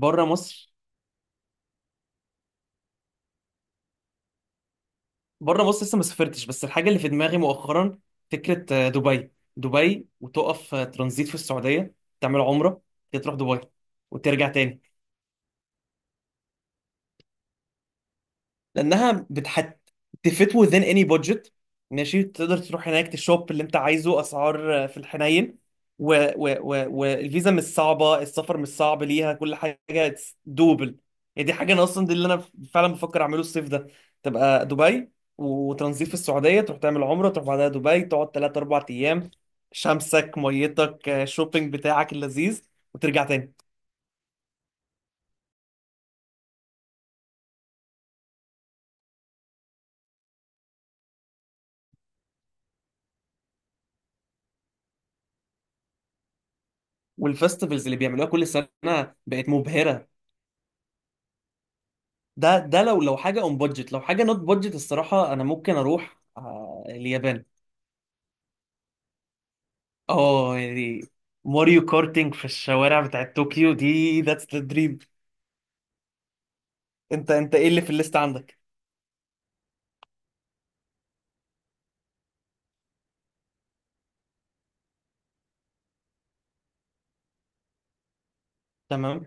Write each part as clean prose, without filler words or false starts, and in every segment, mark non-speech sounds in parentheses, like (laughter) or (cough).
بره مصر. بره مصر لسه ما سافرتش، بس الحاجه اللي في دماغي مؤخرا فكره، دبي. دبي وتقف ترانزيت في السعوديه، تعمل عمره، تروح دبي وترجع تاني. لانها بتحت تفيت within any budget. ماشي، تقدر تروح هناك تشوب اللي انت عايزه، اسعار في الحنين. والفيزا مش صعبه، السفر مش صعب ليها، كل حاجه دوبل. يعني دي حاجه انا اصلا، دي اللي انا فعلا بفكر اعمله الصيف ده. تبقى دبي وتنظيف في السعوديه، تروح تعمل عمره، تروح بعدها دبي، تقعد 3 4 ايام. شمسك ميتك، شوبينج بتاعك اللذيذ، وترجع تاني. والفستيفالز اللي بيعملوها كل سنه بقت مبهره. ده لو حاجه اون بادجت، لو حاجه نوت بادجت، الصراحه انا ممكن اروح اليابان. اه يعني، ماريو كارتينج في الشوارع بتاعت طوكيو، دي ذاتس ذا دريم. انت ايه اللي في الليست عندك؟ تمام.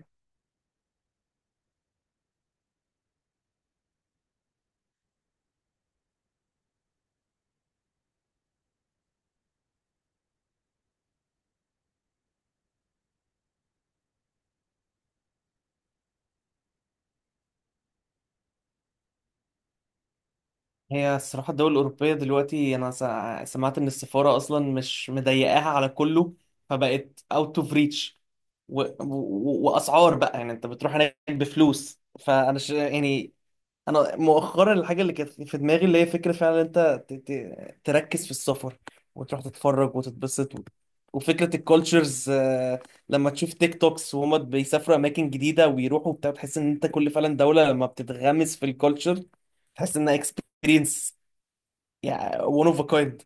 هي الصراحه الدول الاوروبيه دلوقتي، انا سمعت ان السفاره اصلا مش مضيقاها على كله، فبقت اوت اوف ريتش. واسعار بقى، يعني انت بتروح هناك بفلوس، فانا يعني. انا مؤخرا الحاجه اللي كانت في دماغي، اللي هي فكره فعلا انت تركز في السفر وتروح تتفرج وتتبسط وفكره الكولتشرز. لما تشوف تيك توكس وهما بيسافروا اماكن جديده ويروحوا وبتاع، تحس ان انت، كل فعلا دوله لما بتتغمس في الكولتشر تحس انها اكسبيرينس، يعني one of a kind.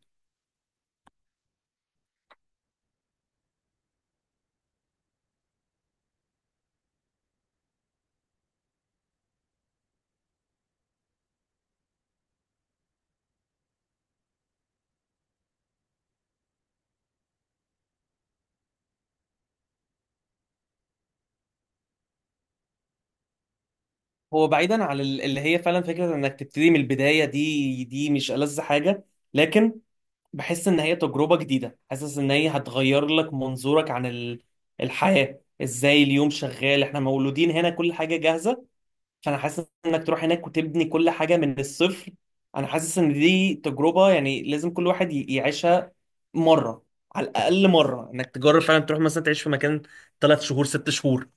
هو بعيدا عن اللي هي فعلا فكره انك تبتدي من البدايه، دي مش ألذ حاجه. لكن بحس ان هي تجربة جديدة، حاسس ان هي هتغير لك منظورك عن الحياة ازاي. اليوم شغال، احنا مولودين هنا كل حاجة جاهزة، فانا حاسس انك تروح هناك وتبني كل حاجة من الصفر. انا حاسس ان دي تجربة يعني لازم كل واحد يعيشها مرة، على الاقل مرة، انك تجرب فعلا تروح مثلا تعيش في مكان ثلاث شهور ست شهور.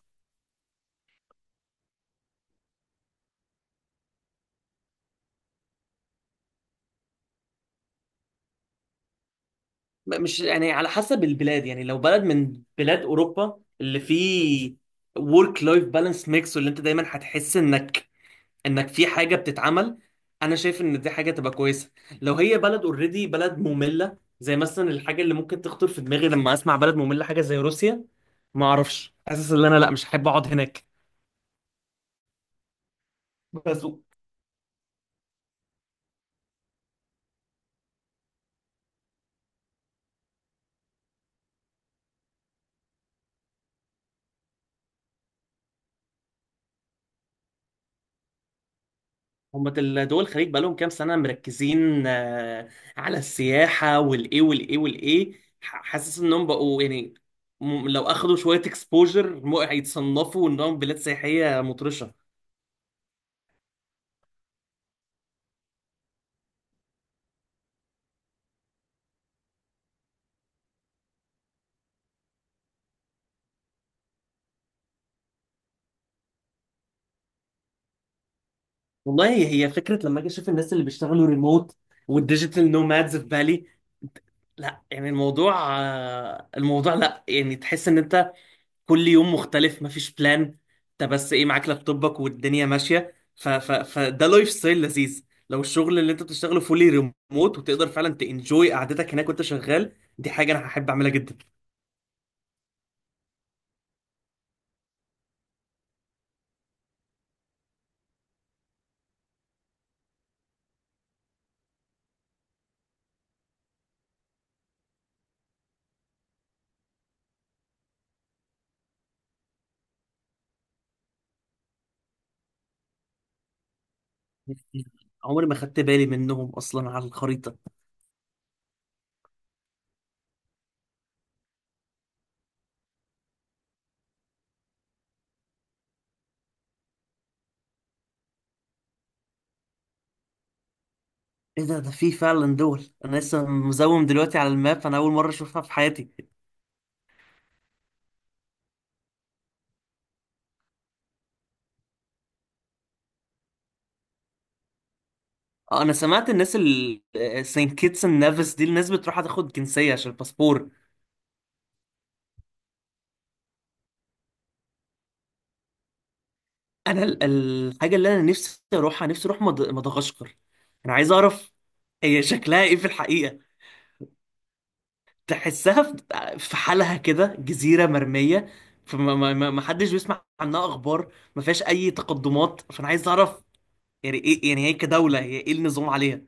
مش يعني، على حسب البلاد. يعني لو بلد من بلاد اوروبا اللي فيه ورك لايف بالانس ميكس واللي انت دايما هتحس انك في حاجه بتتعمل، انا شايف ان دي حاجه تبقى كويسه. لو هي بلد اوريدي، بلد ممله، زي مثلا الحاجه اللي ممكن تخطر في دماغي لما اسمع بلد ممله حاجه زي روسيا، ما اعرفش، حاسس ان انا لا، مش هحب اقعد هناك. بس. هم دول الخليج بقالهم كام سنه مركزين على السياحه والايه والايه والايه. حاسس انهم بقوا يعني، لو اخدوا شويه اكسبوجر هيتصنفوا انهم بلاد سياحيه مطرشه. والله هي فكرة. لما اجي اشوف الناس اللي بيشتغلوا ريموت والديجيتال نومادز في بالي، لا يعني الموضوع، الموضوع، لا يعني تحس ان انت كل يوم مختلف، مفيش بلان، انت بس ايه، معاك لابتوبك والدنيا ماشية، ف ف فده لايف ستايل لذيذ. لو الشغل اللي انت بتشتغله فولي ريموت وتقدر فعلا تنجوي قعدتك هناك وانت شغال، دي حاجة انا هحب اعملها جدا. (laughs) عمري ما خدت بالي منهم اصلا على الخريطة. ايه ده، ده في فعلا دول انا لسه مزوم دلوقتي على الماب، انا اول مره اشوفها في حياتي. انا سمعت الناس سين كيتس اند نيفس دي الناس بتروح تاخد جنسيه عشان الباسبور. انا الحاجه اللي انا نفسي اروحها، نفسي اروح مدغشقر. انا عايز اعرف هي شكلها ايه في الحقيقه. تحسها في حالها كده، جزيره مرميه، فما ما ما- ما حدش بيسمع عنها اخبار، ما فيهاش اي تقدمات، فانا عايز اعرف يعني ايه، يعني هي كدوله، هي ايه النظام عليها.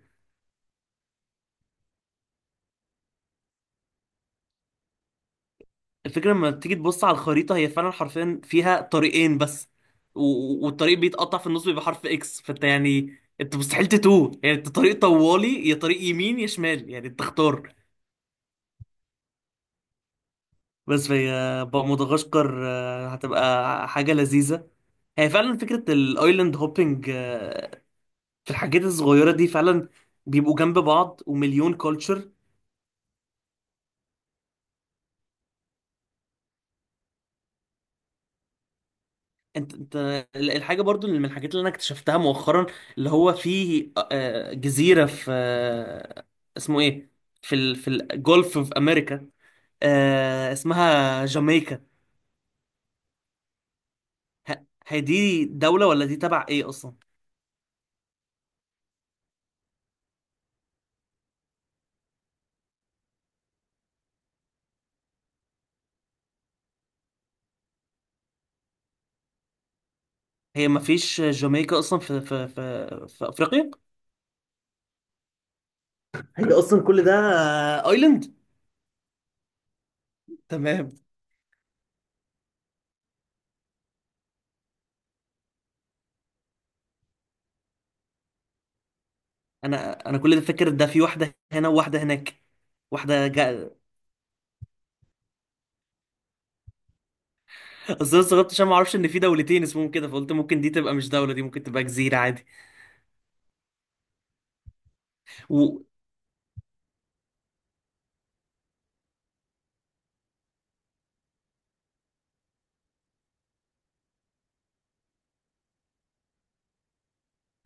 الفكرة لما تيجي تبص على الخريطة، هي فعلا حرفيا فيها طريقين بس، والطريق بيتقطع في النص، بيبقى حرف اكس، فانت يعني انت مستحيل تتوه. يعني انت طريق طوالي، يا طريق يمين يا شمال، يعني انت اختار. بس في بقى مدغشقر، هتبقى حاجة لذيذة. هي فعلا فكرة الايلاند هوبينج في الحاجات الصغيرة دي، فعلا بيبقوا جنب بعض ومليون كولتشر. انت الحاجه برضو اللي من الحاجات اللي انا اكتشفتها مؤخرا، اللي هو في جزيره في اسمه ايه، في في الجولف في امريكا، اسمها جامايكا. هي دي دوله ولا دي تبع ايه اصلا؟ هي ما فيش جامايكا اصلا في افريقيا. هي اصلا كل ده ايلاند. تمام. انا كل ده فاكر ده في واحده هنا وواحده هناك واحده. بس انا استغربت عشان ما اعرفش ان في دولتين اسمهم كده، فقلت ممكن دي تبقى مش دوله، دي ممكن تبقى جزيره عادي. و...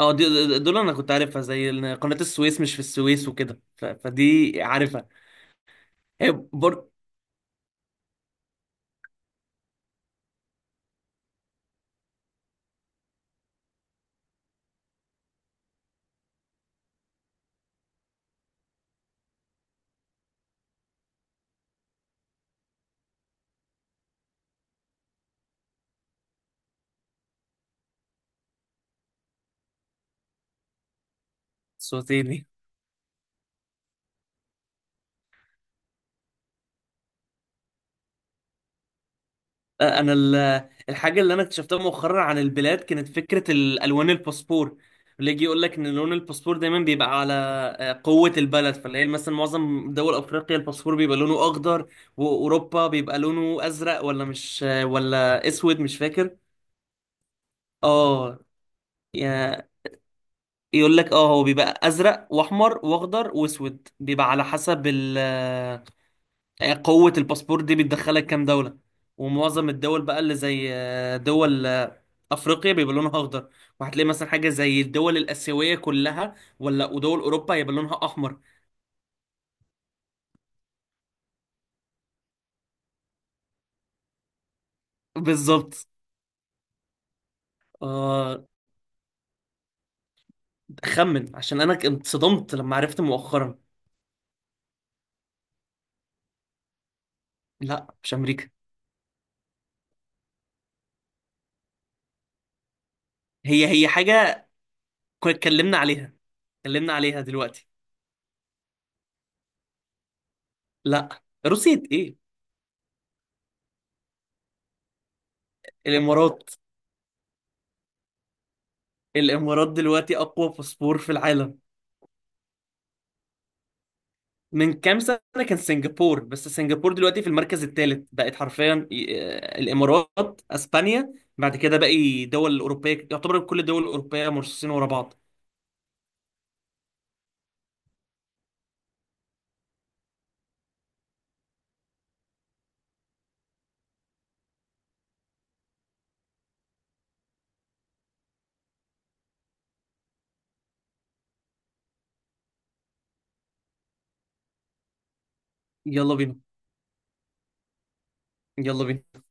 اه، دول انا كنت عارفها، زي إن قناه السويس مش في السويس وكده، فدي عارفها. هي برضه صوتيني. انا الحاجه اللي انا اكتشفتها مؤخرا عن البلاد كانت فكره الالوان الباسبور، اللي يجي يقول لك ان لون الباسبور دايما بيبقى على قوه البلد. فاللي هي مثلا معظم دول افريقيا، الباسبور بيبقى لونه اخضر، واوروبا بيبقى لونه ازرق، ولا مش ولا اسود، مش فاكر. اه، يا- يقول لك اه هو بيبقى ازرق واحمر واخضر واسود، بيبقى على حسب ال آه، قوة الباسبور دي بتدخلك كام دولة. ومعظم الدول بقى اللي زي دول افريقيا بيبقى لونها اخضر. وهتلاقي مثلا حاجة زي الدول الاسيوية كلها ولا ودول اوروبا هيبقى لونها احمر. بالظبط. آه خمن عشان انا اتصدمت لما عرفت مؤخرا. لا مش امريكا. هي حاجة كنا اتكلمنا عليها، اتكلمنا عليها دلوقتي. لا روسيا ايه، الامارات. الامارات دلوقتي اقوى باسبور في العالم. من كام سنه كان سنغافور، بس سنغافور دلوقتي في المركز الثالث، بقت حرفيا الامارات، اسبانيا، بعد كده باقي دول اوروبيه، يعتبر كل الدول الاوروبيه مرصوصين ورا بعض. يلا بينا. يلا بينا.